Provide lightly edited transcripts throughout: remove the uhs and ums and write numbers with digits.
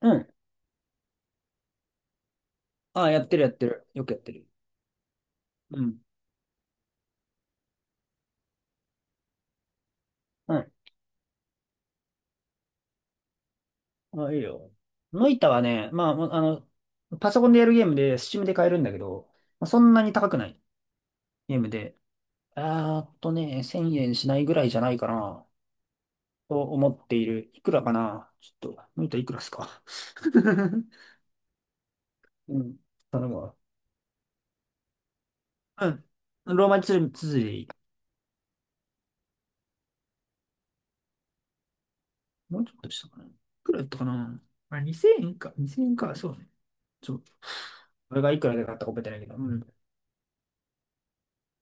うん。ああ、やってる。よくやってる。うん。うん。ああ、いいよ。ノイタはね、まあ、もうあの、パソコンでやるゲームで、スチームで買えるんだけど、まあ、そんなに高くないゲームで、あーっとね、1000円しないぐらいじゃないかな、と思っている。いくらかなちょっと、ノイタいくらっすか うん。頼むわ。うん。ローマ字つづりでいい。もうちょっとしたかな。いくらやったかな、まあ、2000円か。2000円か。そうね。ちょ、これがいくらで買ったか覚えてないけど。うん。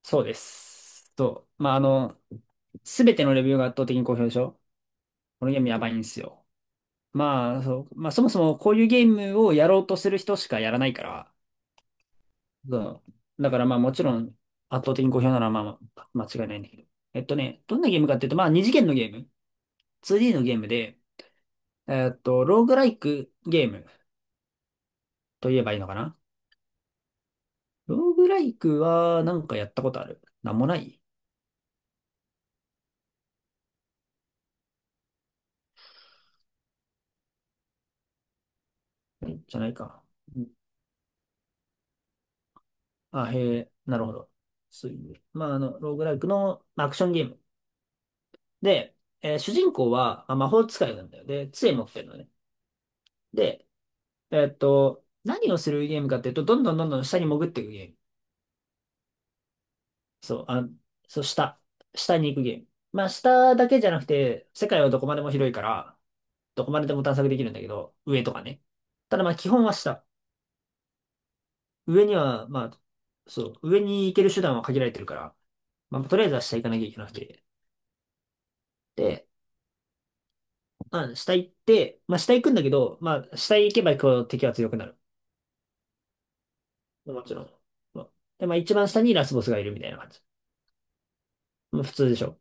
そうです。と、まあ、あの、すべてのレビューが圧倒的に好評でしょ？このゲームやばいんですよ。まあ、そもそもこういうゲームをやろうとする人しかやらないから、そう。だからまあ、もちろん圧倒的に好評なのはまあ、間違いないんだけど。えっとね、どんなゲームかっていうと、まあ、二次元のゲーム、2D のゲームで、えっと、ローグライクゲームと言えばいいのかな。ローグライクはなんかやったことあるなんもない？じゃないか。あ、へえ、なるほど。そういう。まあ、あの、ローグライクのまあアクションゲーム。で、えー主人公は、まあ、魔法使いなんだよ。で、杖持ってるのね。で、えーっと、何をするゲームかっていうと、どんどんどんどん下に潜っていくゲーム。そう、あ、そう、下。下に行くゲーム。まあ、下だけじゃなくて、世界はどこまでも広いから、どこまででも探索できるんだけど、上とかね。ただまあ、基本は下。上には、まあ、そう、上に行ける手段は限られてるから、まあ、とりあえずは下行かなきゃいけなくて。で、下行って、まあ下行くんだけど、まあ下行けばこう敵は強くなる。もちろん。まあで、まあ一番下にラスボスがいるみたいな感じ。まあ普通でしょ。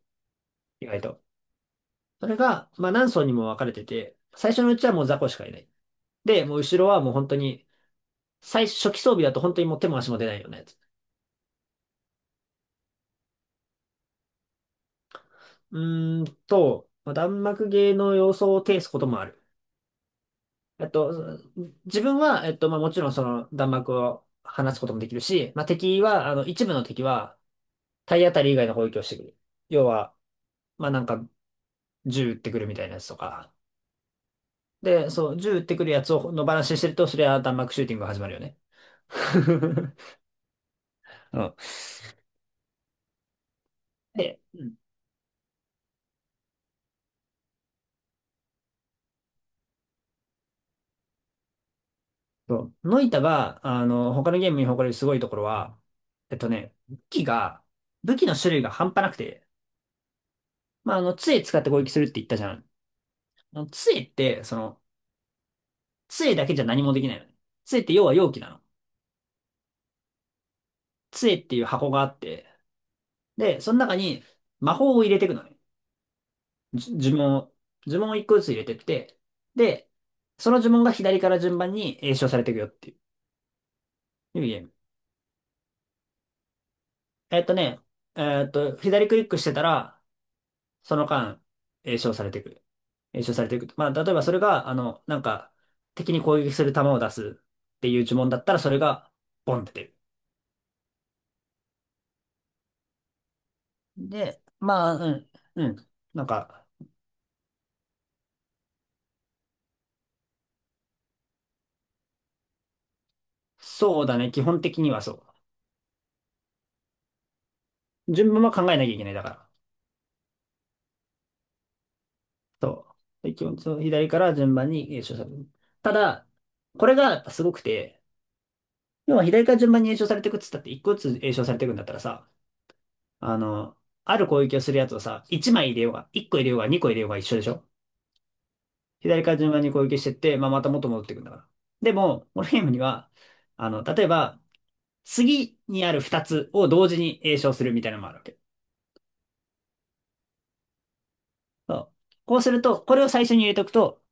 意外と。それが、まあ何層にも分かれてて、最初のうちはもう雑魚しかいない。で、もう後ろはもう本当に、最初期装備だと本当にもう手も足も出ないようなやつ。うーんと、まあ、弾幕芸の様相を呈すこともある。えっと、自分は、えっと、まあもちろんその弾幕を放つこともできるし、まあ敵は、あの一部の敵は、体当たり以外の攻撃をしてくる。要は、まあなんか、銃撃ってくるみたいなやつとか。で、そう、銃撃ってくるやつを野放しにしてると、それは弾幕シューティングが始まるよね。うん。で、うん。そう、ノイタが、あの、他のゲームに誇れるすごいところは、えっとね、武器の種類が半端なくて、まあ、あの、杖使って攻撃するって言ったじゃん。あの杖って、その、杖だけじゃ何もできないのね。杖って要は容器なの。杖っていう箱があって、で、その中に魔法を入れていくのね。呪文を、呪文を一個ずつ入れてって、で、その呪文が左から順番に詠唱されていくよっていう、いうゲーム。えっとね、えっと、左クリックしてたら、その間、詠唱されていく。詠唱されていく。まあ、例えばそれが、あの、なんか、敵に攻撃する弾を出すっていう呪文だったら、それが、ボンって出る。で、まあ、うん、うん。なんか、そうだね。基本的にはそう。順番は考えなきゃいけない。だから。そう。で基本、その左から順番に詠唱される。ただ、これがやっぱすごくて、要は左から順番に詠唱されていくっつったって、一個ずつ詠唱されていくんだったらさ、あの、ある攻撃をするやつをさ、一枚入れようが、一個入れようが、二個入れようが一緒でしょ？左から順番に攻撃してって、まあ、また元戻っていくんだから。でも、このゲームには、あの、例えば、次にある二つを同時に詠唱するみたいなのもあるわけ。そう。こうすると、これを最初に入れておくと、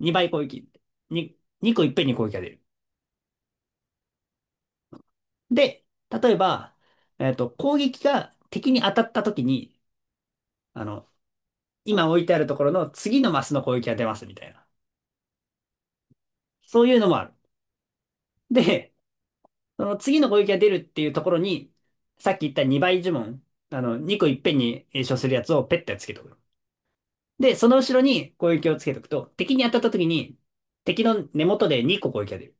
2倍攻撃。に2個いっぺんに攻撃が出る。で、例えば、えっと、攻撃が敵に当たった時に、あの、今置いてあるところの次のマスの攻撃が出ますみたいな。そういうのもある。で、その次の攻撃が出るっていうところに、さっき言った2倍呪文、あの、2個いっぺんに詠唱するやつをペッてつけとく。で、その後ろに攻撃をつけとくと、敵に当たった時に、敵の根元で2個攻撃が出る。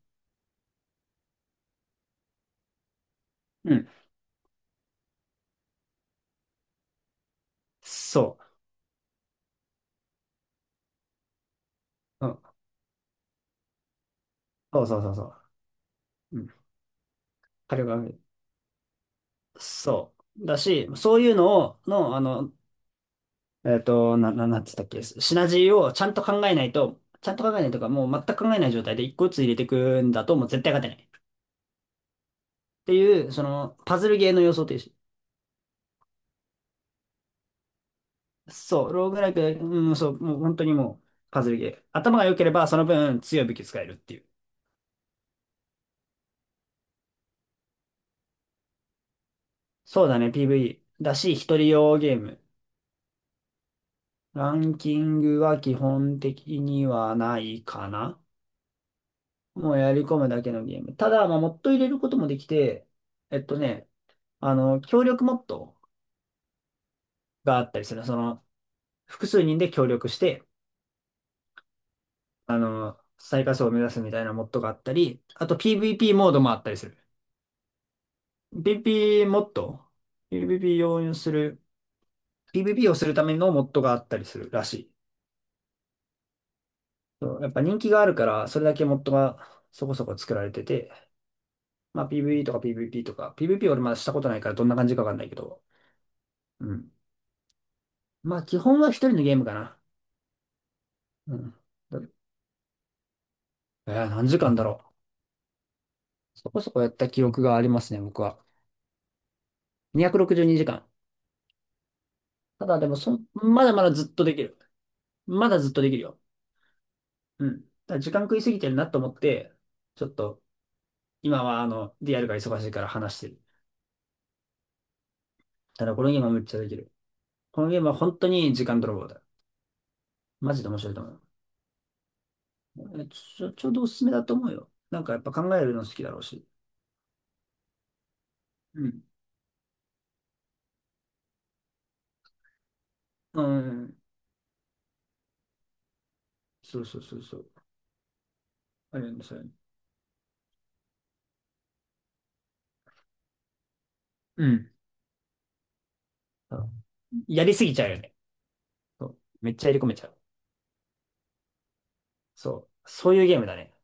うん。そう。うん。そうそうそうそう。うん。火力が上がる。そう。だし、そういうのを、の、あの、えっと、な、な、なんつったっけ、シナジーをちゃんと考えないとか、もう全く考えない状態で一個ずつ入れていくんだと、もう絶対勝てない。っていう、その、パズルゲーの要素というし、そう、ローグライク、うん、そう、もう本当にもう、パズルゲー。頭が良ければ、その分強い武器使えるっていう。そうだね、PVE。だし、一人用ゲーム。ランキングは基本的にはないかな。もうやり込むだけのゲーム。ただ、まあ、モッド入れることもできて、えっとね、あの、協力モッドがあったりする。その、複数人で協力して、あの、最下層を目指すみたいなモッドがあったり、あと PVP モードもあったりする。PVP モッド？ ?PVP 用意する、PVP をするためのモッドがあったりするらしい。そうやっぱ人気があるから、それだけモッドがそこそこ作られてて、まあ PVE とか PVP とか、PVP 俺まだしたことないからどんな感じかわかんないけど、うん。まあ基本は一人のゲームかな。うん。だえー、何時間だろう。そこそこやった記憶がありますね、僕は。262時間。ただでも、まだまだずっとできる。まだずっとできるよ。うん。ただ時間食いすぎてるなと思って、ちょっと、今はあの、リアルが忙しいから話してる。ただこのゲームはむっちゃできる。このゲームは本当に時間泥棒だ。マジで面白いと思う。えちょ、ちょうどおすすめだと思うよ。なんかやっぱ考えるの好きだろうし。うん。うん。そうそうそうそう。あれなんですよね。うん。やりすぎちゃうよね。そう。めっちゃ入り込めちゃう。そう。そういうゲームだね。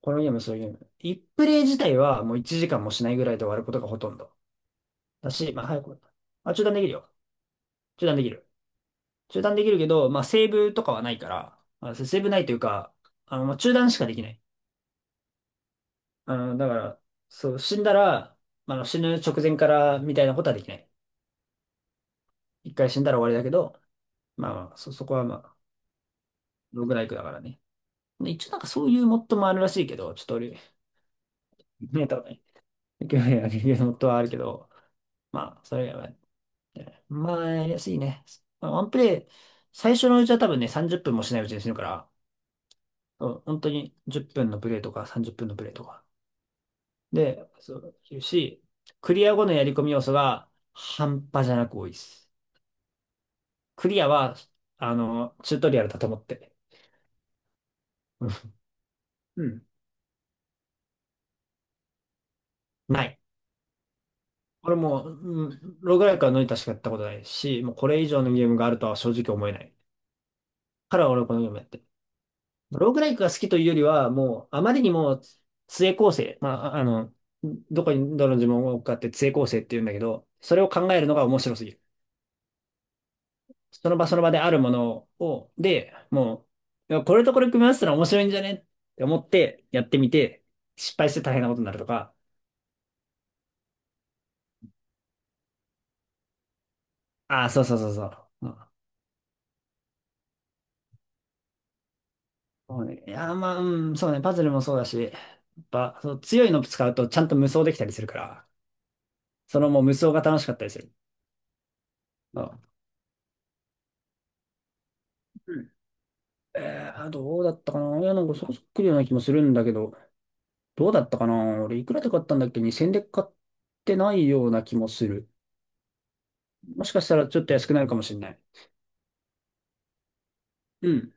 このゲーム、そういうゲーム。1プレイ自体はもう1時間もしないぐらいで終わることがほとんど。だし、まあ早く、あ、中断できるよ。中断できる。中断できるけど、まあセーブとかはないから、セーブないというか、あの、まあ中断しかできない。あの、だから、そう、死んだら、まああの死ぬ直前からみたいなことはできない。一回死んだら終わりだけど、まあ、そこはまあ、ログライクだからね。で一応なんかそういうモッドもあるらしいけど、ちょっと俺、見えたことない。興味あるモッドはあるけど、まあ、それはまあ、やりやすいね。まあワンプレイ、最初のうちは多分ね、30分もしないうちに死ぬから、そう本当に10分のプレイとか30分のプレイとか。で、そういうし、クリア後のやり込み要素が半端じゃなく多いです。クリアは、あの、チュートリアルだと思って。うん。うん。ない。俺もう、うん、ローグライクは乗りタしかやったことないし、もうこれ以上のゲームがあるとは正直思えない。から俺はこのゲームやってる。ローグライクが好きというよりは、もう、あまりにも、杖構成。まあ、ああの、どこにどの呪文を置くかって杖構成って言うんだけど、それを考えるのが面白すぎる。その場その場であるものを、で、もう、いやこれとこれ組み合わせたら面白いんじゃねって思ってやってみて、失敗して大変なことになるとか、ああ、そうそうそうそう。うん。そうね、パズルもそうだし、やっぱ、そう強いの使うとちゃんと無双できたりするから、そのもう無双が楽しかったりする。うん。えー、どうだったかな。いや、なんかそうそっくりような気もするんだけど、どうだったかな俺、いくらで買ったんだっけ？ 2000 で買ってないような気もする。もしかしたらちょっと安くなるかもしれない。うん。